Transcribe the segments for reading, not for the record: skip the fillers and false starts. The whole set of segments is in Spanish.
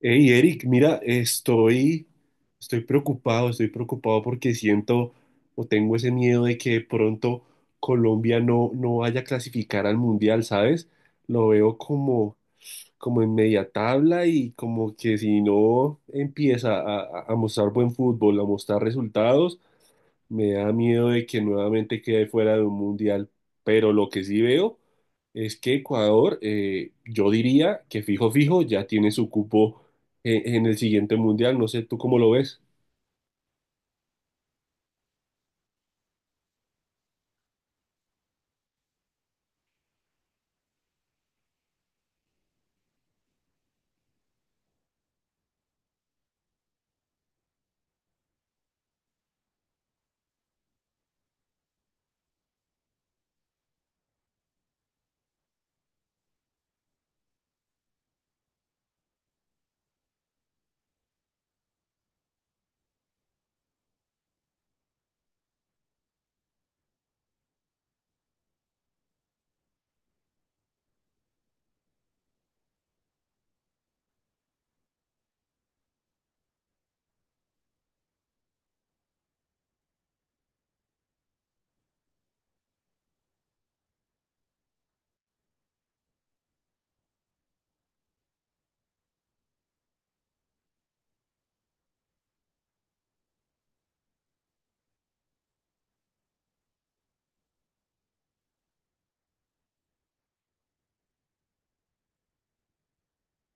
Hey, Eric, mira, estoy preocupado porque siento o tengo ese miedo de que de pronto Colombia no vaya a clasificar al mundial, ¿sabes? Lo veo como en media tabla y como que si no empieza a mostrar buen fútbol, a mostrar resultados, me da miedo de que nuevamente quede fuera de un mundial, pero lo que sí veo es que Ecuador, yo diría que fijo, fijo, ya tiene su cupo en el siguiente mundial. No sé, ¿tú cómo lo ves?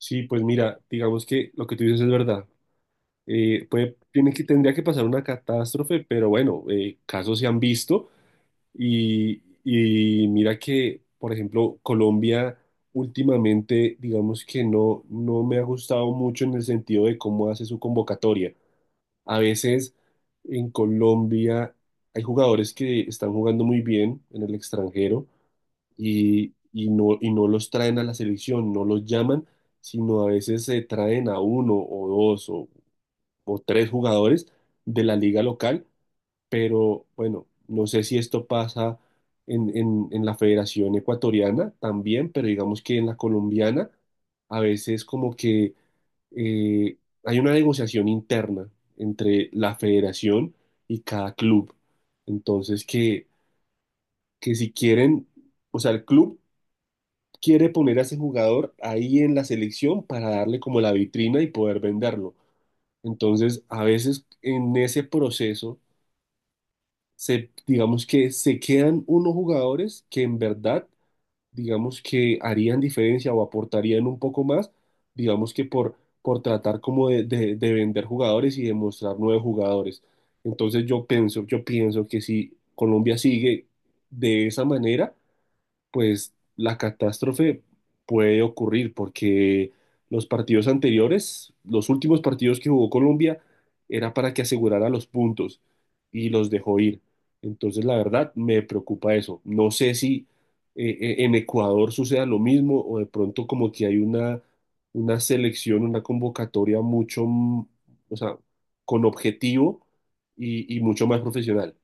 Sí, pues mira, digamos que lo que tú dices es verdad. Tiene que, tendría que pasar una catástrofe, pero bueno, casos se han visto. Y mira que, por ejemplo, Colombia últimamente, digamos que no me ha gustado mucho en el sentido de cómo hace su convocatoria. A veces en Colombia hay jugadores que están jugando muy bien en el extranjero y no los traen a la selección, no los llaman, sino a veces se traen a uno o dos o tres jugadores de la liga local, pero bueno, no sé si esto pasa en la Federación Ecuatoriana también, pero digamos que en la colombiana a veces como que eh, hay una negociación interna entre la federación y cada club. Entonces que si quieren, o sea, el club quiere poner a ese jugador ahí en la selección para darle como la vitrina y poder venderlo. Entonces, a veces en ese proceso digamos que se quedan unos jugadores que en verdad, digamos que harían diferencia o aportarían un poco más, digamos que por tratar como de vender jugadores y demostrar nuevos jugadores. Entonces yo pienso que si Colombia sigue de esa manera, pues la catástrofe puede ocurrir porque los partidos anteriores, los últimos partidos que jugó Colombia, era para que asegurara los puntos y los dejó ir. Entonces, la verdad, me preocupa eso. No sé si en Ecuador suceda lo mismo o de pronto como que hay una selección, una convocatoria mucho, o sea, con objetivo y mucho más profesional.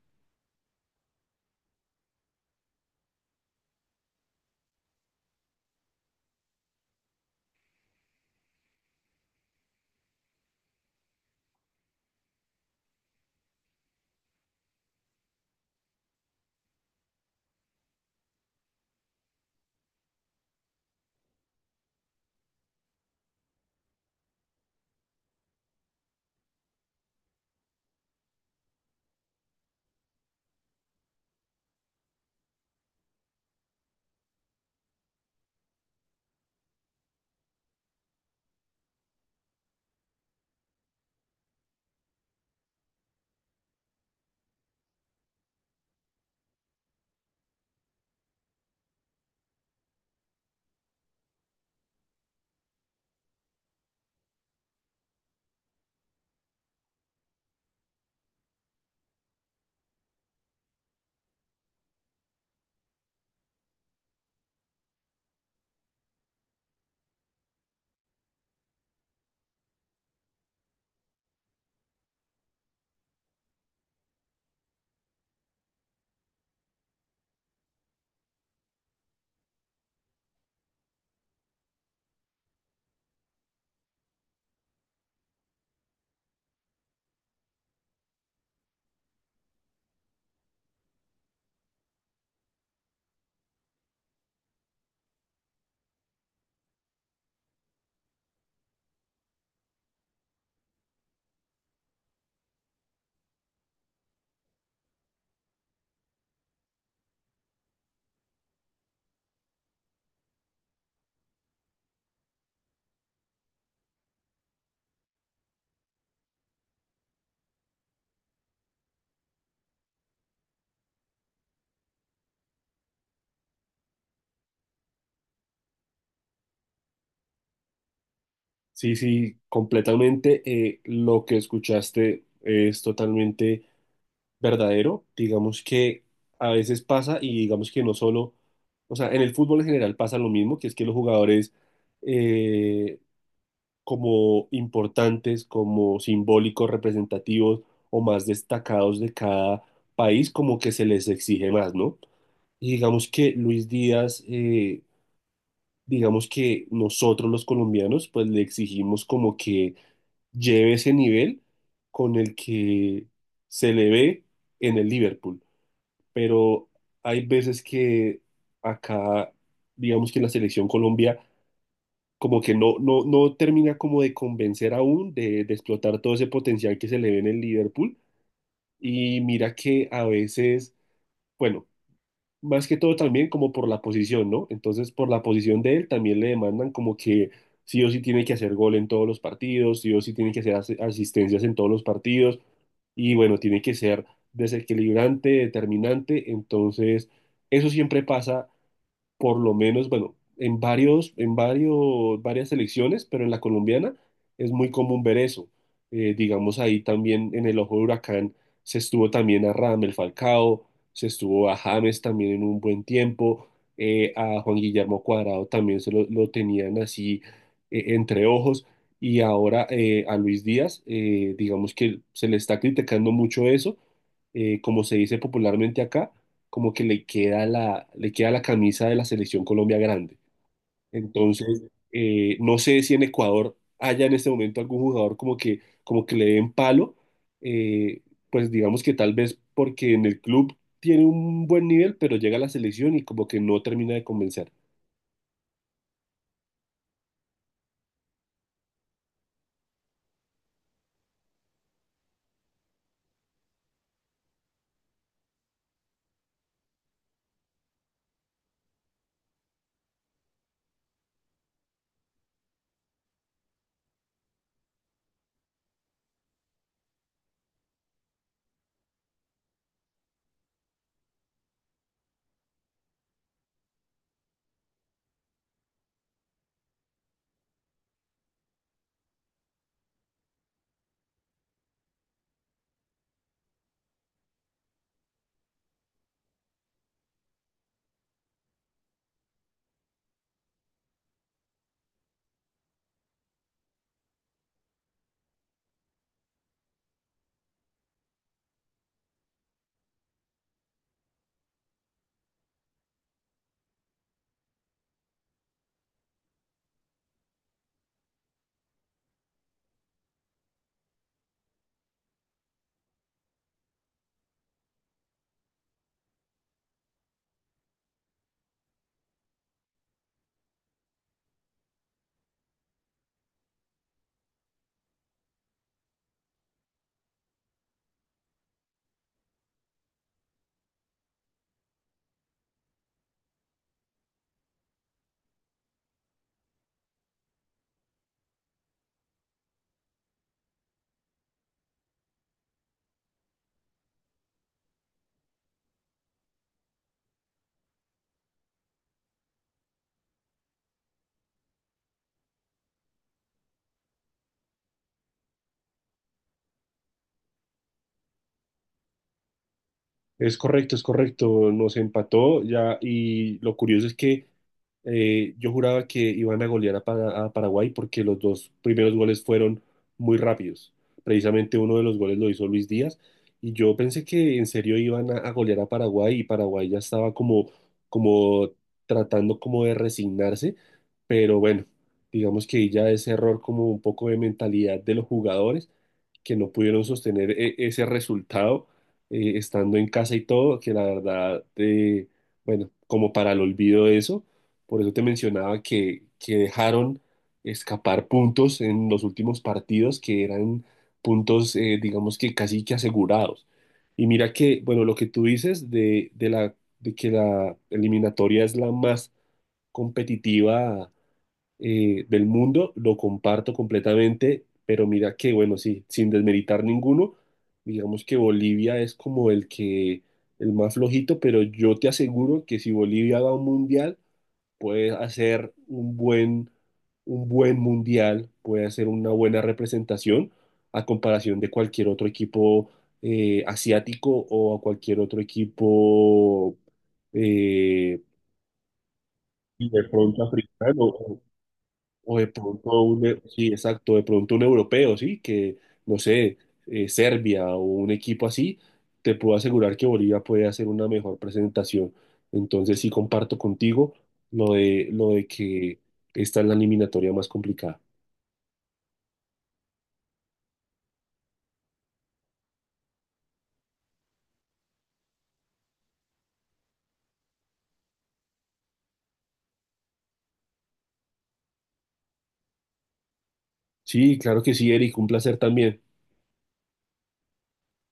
Sí, sí, completamente. Lo que escuchaste es totalmente verdadero. Digamos que a veces pasa y digamos que no solo, o sea, en el fútbol en general pasa lo mismo, que es que los jugadores eh, como importantes, como simbólicos, representativos o más destacados de cada país, como que se les exige más, ¿no? Y digamos que Luis Díaz, digamos que nosotros los colombianos, pues le exigimos como que lleve ese nivel con el que se le ve en el Liverpool. Pero hay veces que acá, digamos que la selección Colombia como que no termina como de convencer aún de explotar todo ese potencial que se le ve en el Liverpool. Y mira que a veces, bueno, más que todo también como por la posición, ¿no? Entonces, por la posición de él también le demandan como que sí o sí tiene que hacer gol en todos los partidos, sí o sí tiene que hacer asistencias en todos los partidos y bueno, tiene que ser desequilibrante, determinante, entonces eso siempre pasa por lo menos, bueno, varias selecciones, pero en la colombiana es muy común ver eso. Digamos ahí también en el ojo de huracán se estuvo también a Radamel Falcao, se estuvo a James también en un buen tiempo, a Juan Guillermo Cuadrado también lo tenían así entre ojos. Y ahora a Luis Díaz, digamos que se le está criticando mucho eso, como se dice popularmente acá, como que le queda la camisa de la selección Colombia grande. Entonces, no sé si en Ecuador haya en este momento algún jugador como como que le den palo, eh, pues digamos que tal vez porque en el club tiene un buen nivel, pero llega a la selección y como que no termina de convencer. Es correcto, nos empató ya y lo curioso es que yo juraba que iban a golear a Paraguay porque los dos primeros goles fueron muy rápidos. Precisamente uno de los goles lo hizo Luis Díaz y yo pensé que en serio iban a golear a Paraguay y Paraguay ya estaba como, como tratando como de resignarse, pero bueno, digamos que ya ese error como un poco de mentalidad de los jugadores que no pudieron sostener ese resultado estando en casa y todo, que la verdad, bueno, como para el olvido de eso, por eso te mencionaba que dejaron escapar puntos en los últimos partidos que eran puntos, digamos que casi que asegurados. Y mira que, bueno, lo que tú dices de que la eliminatoria es la más competitiva del mundo, lo comparto completamente, pero mira que, bueno, sí, sin desmeritar ninguno, digamos que Bolivia es como el que, el más flojito, pero yo te aseguro que si Bolivia va a un mundial, puede hacer un buen mundial, puede hacer una buena representación a comparación de cualquier otro equipo asiático o a cualquier otro equipo eh, y de pronto africano. O de pronto sí, exacto, de pronto un europeo, sí, que, no sé, Serbia o un equipo así, te puedo asegurar que Bolivia puede hacer una mejor presentación. Entonces sí comparto contigo lo de que esta es la eliminatoria más complicada. Sí, claro que sí, Eric, un placer también.